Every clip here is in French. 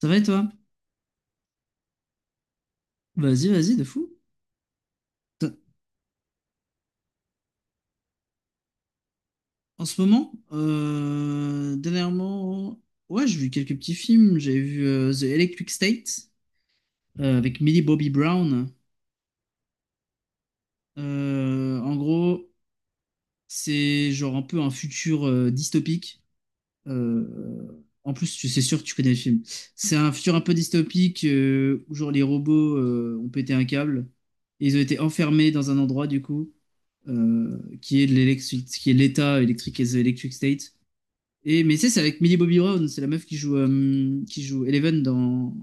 Ça va et toi? Vas-y, vas-y, de fou. T'as- En ce moment, dernièrement, ouais, j'ai vu quelques petits films. J'ai vu The Electric State, avec Millie Bobby Brown. En gros, c'est genre un peu un futur dystopique. En plus, tu c'est sûr que tu connais le film. C'est un futur un peu dystopique, où genre les robots ont pété un câble et ils ont été enfermés dans un endroit du coup, qui est l'État électrique et The Electric State. Et, mais tu sais, c'est avec Millie Bobby Brown, c'est la meuf qui joue, Eleven dans,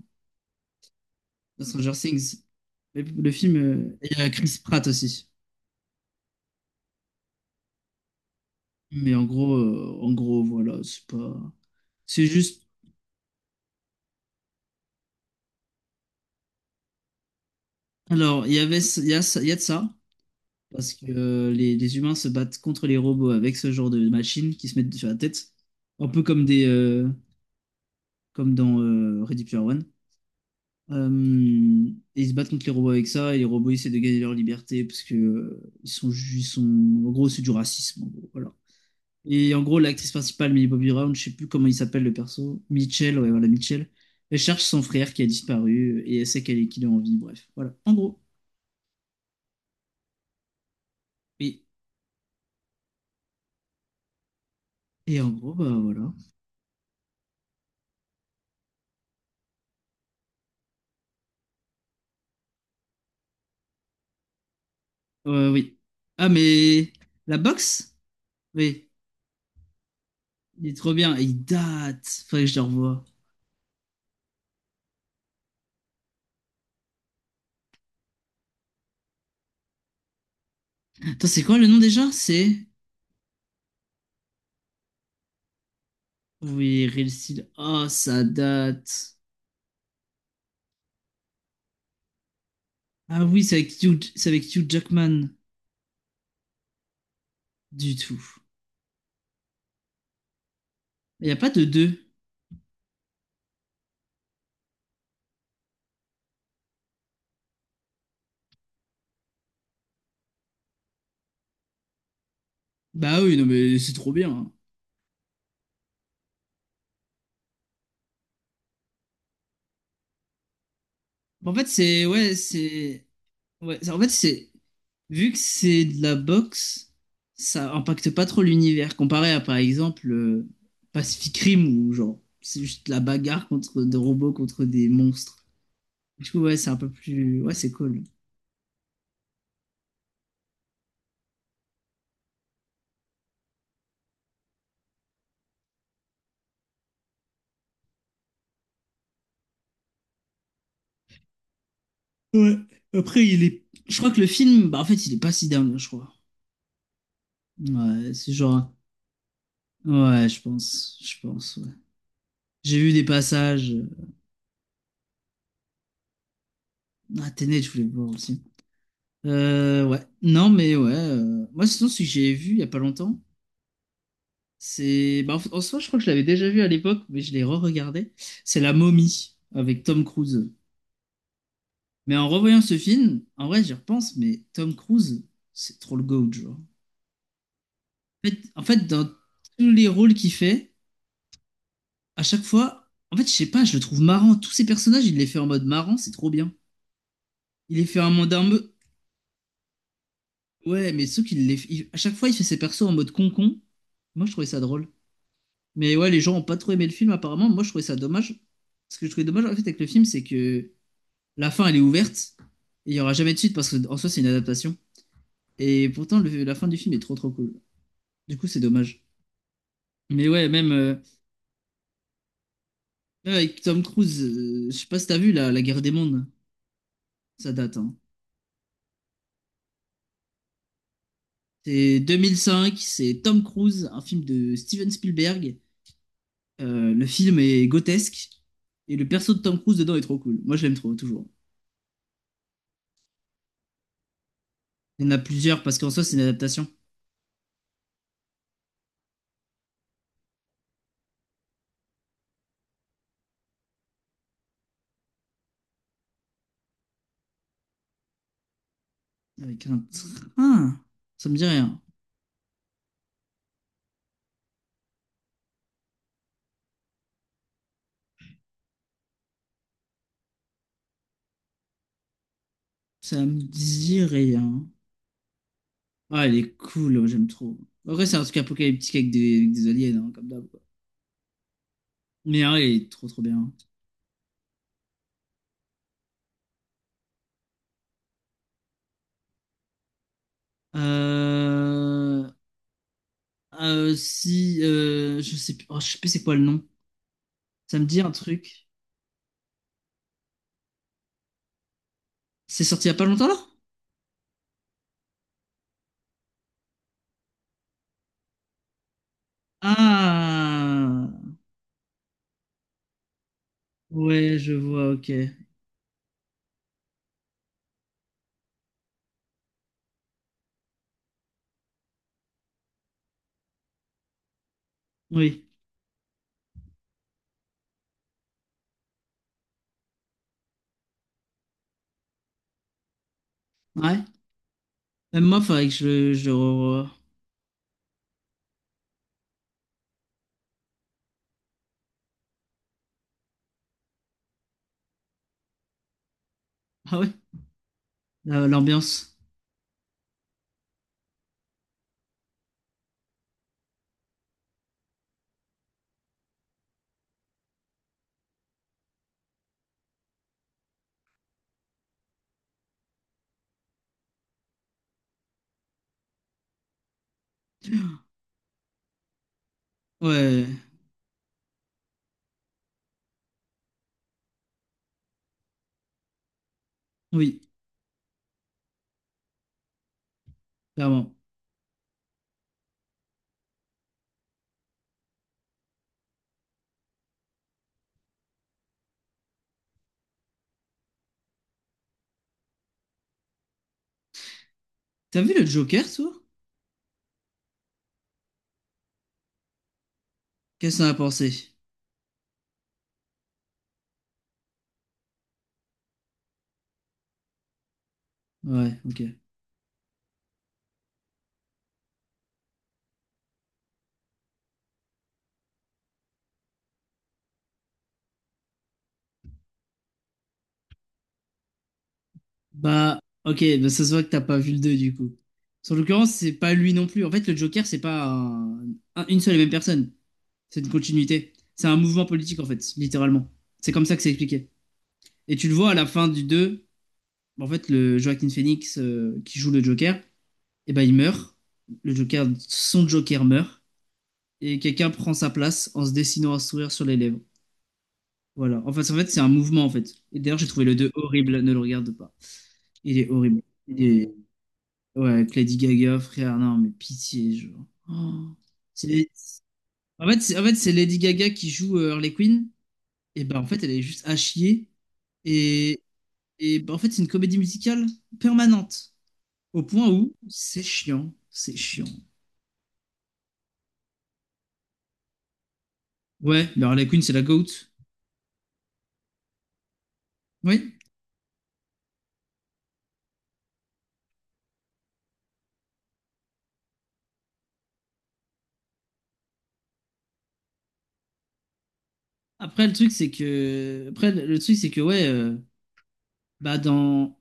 dans Stranger Things. Mais le film, et il y a Chris Pratt aussi. Mais en gros, voilà, c'est pas. C'est juste. Alors, il y avait, il y a, il y a de ça, parce que les humains se battent contre les robots avec ce genre de machines qui se mettent sur la tête. Un peu comme dans Ready Player One. Euh, et ils se battent contre les robots avec ça, et les robots essaient de gagner leur liberté parce que ils sont, ju- ils sont, en gros, c'est du racisme, en gros, voilà. Et en gros, l'actrice principale, Millie Bobby Brown, je sais plus comment il s'appelle le perso, Mitchell, ouais, voilà, Mitchell, elle cherche son frère qui a disparu, et elle sait qu'elle est, qu'il est en vie, bref, voilà, en gros. Oui. Et en gros, bah voilà. Oui. Ah, mais la boxe? Oui, il est trop bien, et il date, faudrait que je le revoie. Attends, c'est quoi le nom déjà? C'est. Oui, Real Steel. Ah, ça date. Ah oui, c'est avec Hugh Jackman du tout. Il n'y a pas de deux. Bah oui, non mais c'est trop bien, hein. En fait, c'est ouais, en fait c'est vu que c'est de la boxe, ça impacte pas trop l'univers comparé à par exemple, Pacific Rim où genre c'est juste de la bagarre contre des robots contre des monstres. Du coup, ouais, c'est un peu plus ouais, c'est cool. Ouais. Après, il est je crois que le film bah en fait, il est pas si dingue, je crois. Ouais, c'est genre ouais, je pense, je pense, ouais. J'ai vu des passages. Ah, Tenet, je voulais le voir aussi. Ouais. Non, mais ouais. Moi, sinon, ce que j'ai vu il y a pas longtemps, c'est. Bah, en fait, en soi, je crois que je l'avais déjà vu à l'époque, mais je l'ai re-regardé. C'est La Momie avec Tom Cruise. Mais en revoyant ce film, en vrai, j'y repense, mais Tom Cruise, c'est trop le GOAT, genre. En fait, dans tous les rôles qu'il fait, à chaque fois, en fait, je sais pas, je le trouve marrant. Tous ces personnages, il les fait en mode marrant, c'est trop bien. Il les fait en mode un, ouais, mais ceux qui À chaque fois, il fait ses persos en mode concon. Moi, je trouvais ça drôle. Mais ouais, les gens ont pas trop aimé le film, apparemment. Moi, je trouvais ça dommage. Ce que je trouvais dommage, en fait, avec le film, c'est que la fin, elle est ouverte. Et il y aura jamais de suite, parce que en soi, c'est une adaptation. Et pourtant, la fin du film est trop, trop cool. Du coup, c'est dommage. Mais ouais, même avec Tom Cruise, je sais pas si t'as vu la Guerre des mondes. Ça date, hein. C'est 2005, c'est Tom Cruise, un film de Steven Spielberg. Le film est grotesque et le perso de Tom Cruise dedans est trop cool. Moi, je l'aime trop, toujours. Il y en a plusieurs parce qu'en soi, c'est une adaptation. Avec un train. Ça me dit rien. Ça me dit rien. Ah, elle est cool, ouais, j'aime trop. En vrai, c'est un truc apocalyptique avec des aliens, hein, comme d'hab, quoi. Mais ah, il est trop trop bien. Euh... Si, je sais plus, oh, je sais plus c'est quoi le nom. Ça me dit un truc. C'est sorti il y a pas longtemps là? Ah, ouais, je vois, ok. Oui. Ouais. Même moi, faudrait que Ah ouais, l'ambiance. Ouais, oui, clairement. T'as vu le Joker, toi? Qu'est-ce qu'on a pensé? Ouais, ok. Bah, ok, bah ça se voit que t'as pas vu le 2 du coup. En l'occurrence, c'est pas lui non plus. En fait, le Joker, c'est pas une seule et même personne. C'est une continuité. C'est un mouvement politique, en fait, littéralement. C'est comme ça que c'est expliqué. Et tu le vois à la fin du 2 en fait, le Joaquin Phoenix, qui joue le Joker, et ben il meurt. Le Joker, son Joker meurt. Et quelqu'un prend sa place en se dessinant un sourire sur les lèvres. Voilà. En fait, c'est un mouvement en fait. Et d'ailleurs, j'ai trouvé le 2 horrible, ne le regarde pas. Il est horrible. Il est... Ouais, avec Lady Gaga, frère, non, mais pitié, genre. Oh. C'est- en fait, c'est Lady Gaga qui joue Harley Quinn. Et ben, en fait, elle est juste à chier. Et, et ben, en fait, c'est une comédie musicale permanente. Au point où c'est chiant. C'est chiant. Ouais, mais Harley Quinn, c'est la GOAT. Oui. Après, le truc, c'est que. Après, le truc, c'est que, ouais. Bah dans,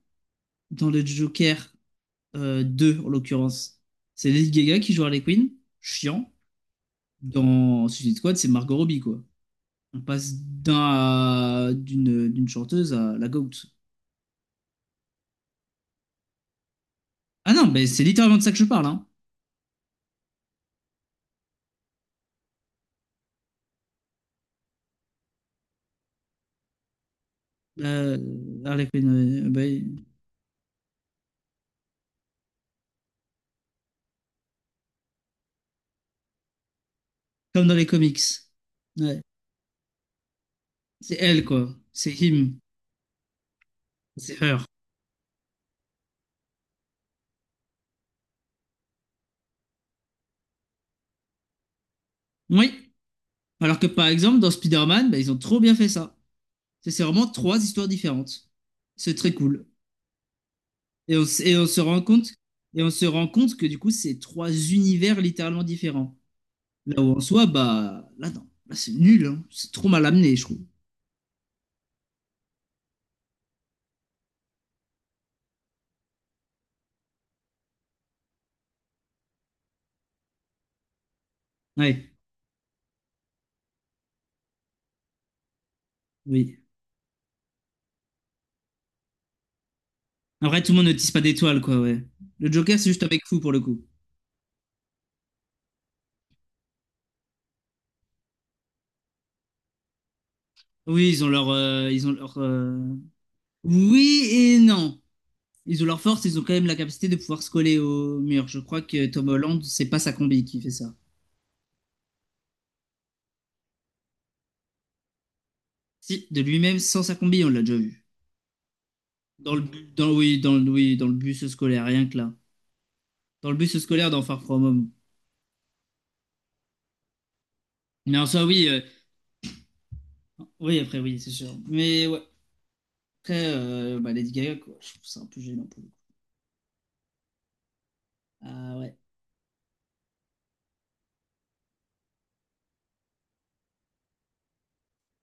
dans le Joker 2, en l'occurrence, c'est Lady Gaga qui joue Harley Quinn, chiant. Dans Suicide Squad, c'est Margot Robbie, quoi. On passe d'une chanteuse à la GOAT. Ah non, mais c'est littéralement de ça que je parle, hein. Euh, Harley Quinn, bah, comme dans les comics. Ouais. C'est elle, quoi. C'est him. C'est her. Oui. Alors que par exemple, dans Spider-Man, bah, ils ont trop bien fait ça. C'est vraiment trois histoires différentes. C'est très cool. Et on se rend compte, que du coup, c'est trois univers littéralement différents. Là où en soi, bah, là, non, là, c'est nul, hein. C'est trop mal amené, je trouve. Ouais, oui. Après, tout le monde ne tisse pas d'étoiles, quoi, ouais. Le Joker, c'est juste avec fou pour le coup. Oui, oui et non. Ils ont leur force, ils ont quand même la capacité de pouvoir se coller au mur. Je crois que Tom Holland, c'est pas sa combi qui fait ça. Si, de lui-même, sans sa combi, on l'a déjà vu. Dans le, bu- dans, oui, oui, dans le bus scolaire, rien que là. Dans le bus scolaire dans Far From Home. Mais en soi, oui, oui, après, oui, c'est sûr. Mais ouais, après, bah, Lady Gaga, quoi, je trouve ça un peu gênant pour le coup. Ah ouais.